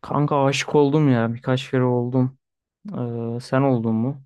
Kanka aşık oldum ya. Birkaç kere oldum. Sen oldun mu?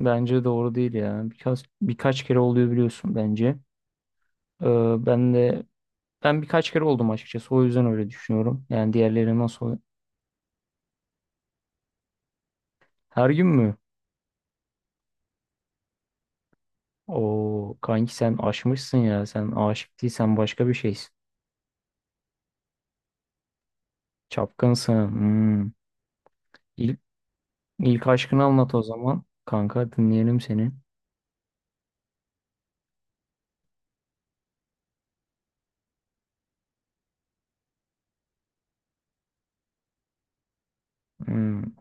Bence doğru değil ya. Birkaç kere oluyor biliyorsun bence. Ee, ben de Ben birkaç kere oldum açıkçası. O yüzden öyle düşünüyorum. Yani diğerleri nasıl? Her gün mü? O kanki sen aşmışsın ya. Sen aşık değilsen başka bir şeysin. Çapkınsın. Hmm. İlk, ilk aşkını anlat o zaman. Kanka dinleyelim seni. Hmm.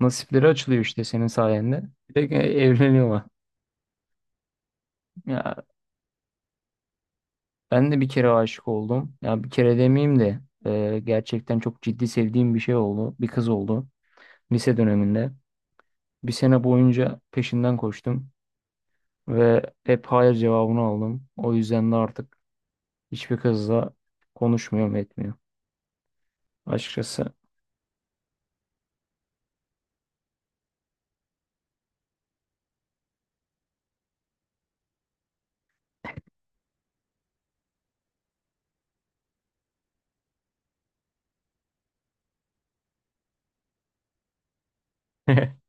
Nasipleri açılıyor işte senin sayende. Bir de evleniyorlar. Ya, ben de bir kere aşık oldum. Ya bir kere demeyeyim de gerçekten çok ciddi sevdiğim bir şey oldu. Bir kız oldu lise döneminde. Bir sene boyunca peşinden koştum ve hep hayır cevabını aldım. O yüzden de artık hiçbir kızla konuşmuyorum etmiyorum açıkçası.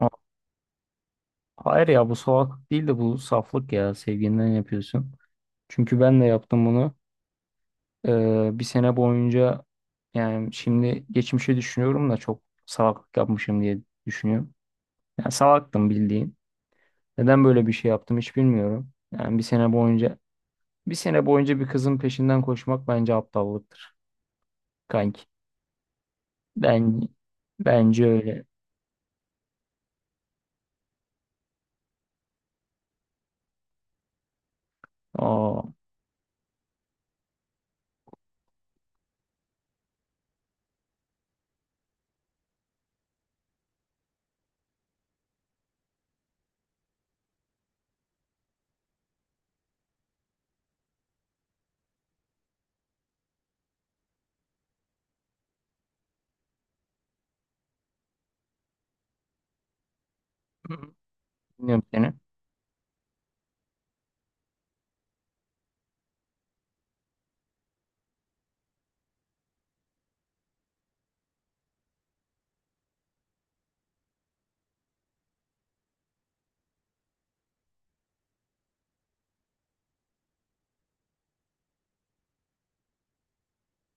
Ha- Hayır ya, bu salaklık değil de bu saflık, ya sevginden yapıyorsun. Çünkü ben de yaptım bunu. Bir sene boyunca, yani şimdi geçmişe düşünüyorum da çok salaklık yapmışım diye düşünüyorum. Yani salaktım bildiğin. Neden böyle bir şey yaptım hiç bilmiyorum. Yani bir sene boyunca bir kızın peşinden koşmak bence aptallıktır kanki. Ben Bence öyle. Aa, bilmiyorum seni.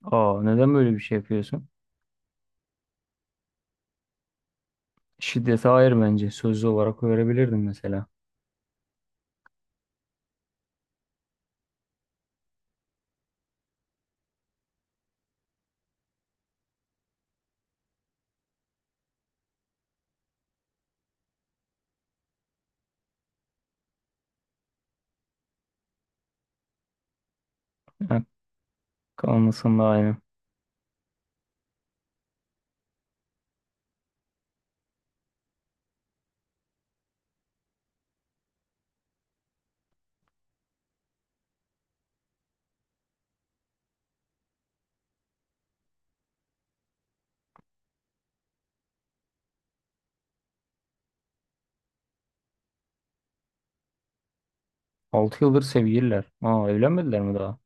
Aa, neden böyle bir şey yapıyorsun? Şiddete hayır bence. Sözlü olarak öğrebilirdim mesela. Ha, kalmasında aynı. Altı yıldır sevgililer. Aa, evlenmediler mi daha?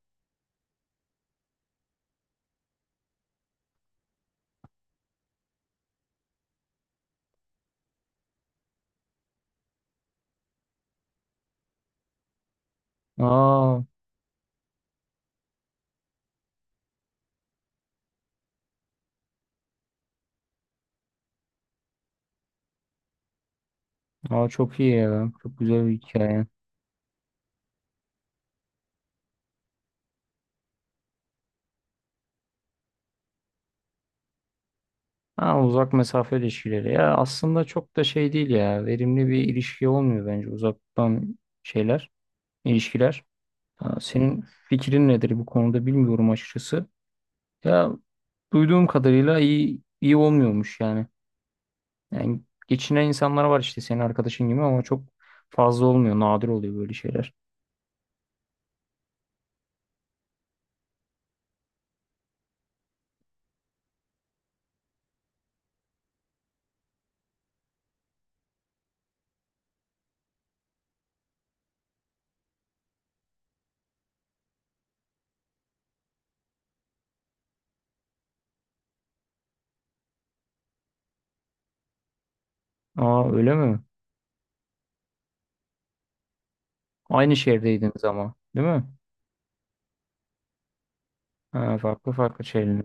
Aa, Aa, çok iyi ya. Çok güzel bir hikaye. Ha, uzak mesafe ilişkileri ya aslında çok da şey değil, ya verimli bir ilişki olmuyor bence uzaktan şeyler, ilişkiler. Ha, senin fikrin nedir bu konuda, bilmiyorum açıkçası. Ya, duyduğum kadarıyla iyi olmuyormuş yani. Yani geçinen insanlar var işte senin arkadaşın gibi, ama çok fazla olmuyor, nadir oluyor böyle şeyler. Aa, öyle mi? Aynı şehirdeydiniz ama değil mi? Ha, farklı şehirler.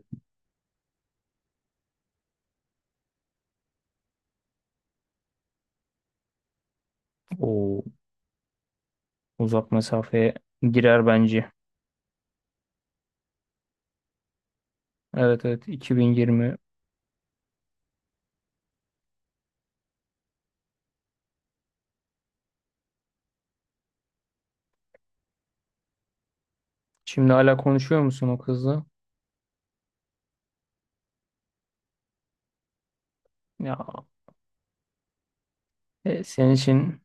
O uzak mesafeye girer bence. Evet, evet, 2020. Şimdi hala konuşuyor musun o kızla? Ya, senin için.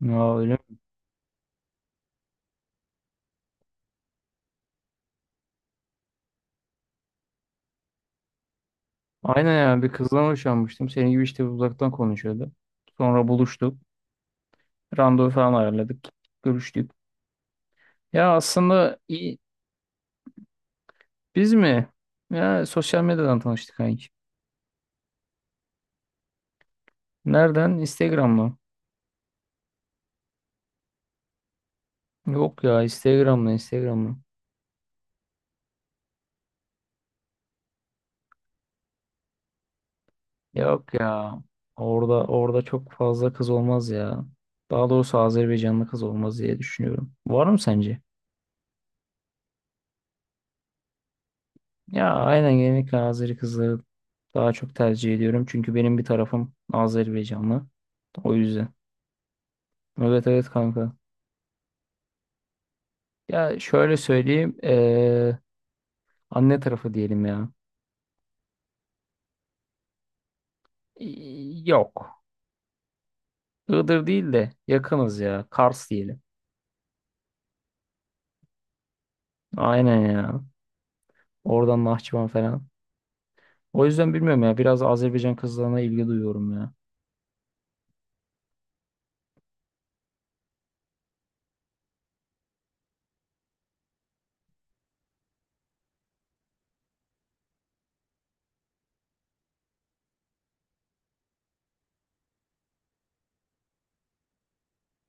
Ya, öyle mi? Aynen ya, bir kızdan hoşlanmıştım. Senin gibi işte, uzaktan konuşuyordu. Sonra buluştuk. Randevu falan ayarladık. Görüştük. Ya aslında iyi- Biz mi? Ya sosyal medyadan tanıştık kanki. Nereden? Instagram'la. Yok ya, Instagram'la. Yok ya. Orada çok fazla kız olmaz ya. Daha doğrusu Azerbaycanlı kız olmaz diye düşünüyorum. Var mı sence? Ya aynen, genellikle Azeri kızları daha çok tercih ediyorum. Çünkü benim bir tarafım Azerbaycanlı. O yüzden. Evet, evet kanka. Ya şöyle söyleyeyim. Anne tarafı diyelim ya. Yok. Iğdır değil de yakınız ya. Kars diyelim. Aynen ya. Oradan Nahçıvan falan. O yüzden bilmiyorum ya. Biraz Azerbaycan kızlarına ilgi duyuyorum ya.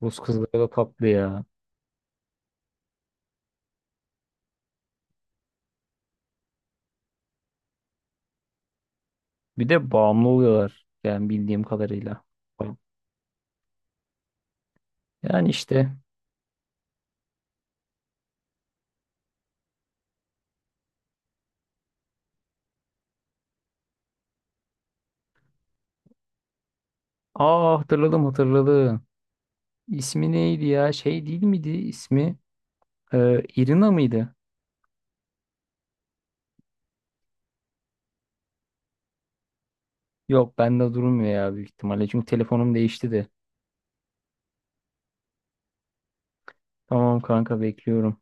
Rus kızları da tatlı ya. Bir de bağımlı oluyorlar. Yani bildiğim kadarıyla. Yani işte. Aa, hatırladım, hatırladım. İsmi neydi ya? Şey değil miydi ismi? Irina mıydı? Yok, bende durmuyor ya, büyük ihtimalle. Çünkü telefonum değişti de. Tamam kanka, bekliyorum.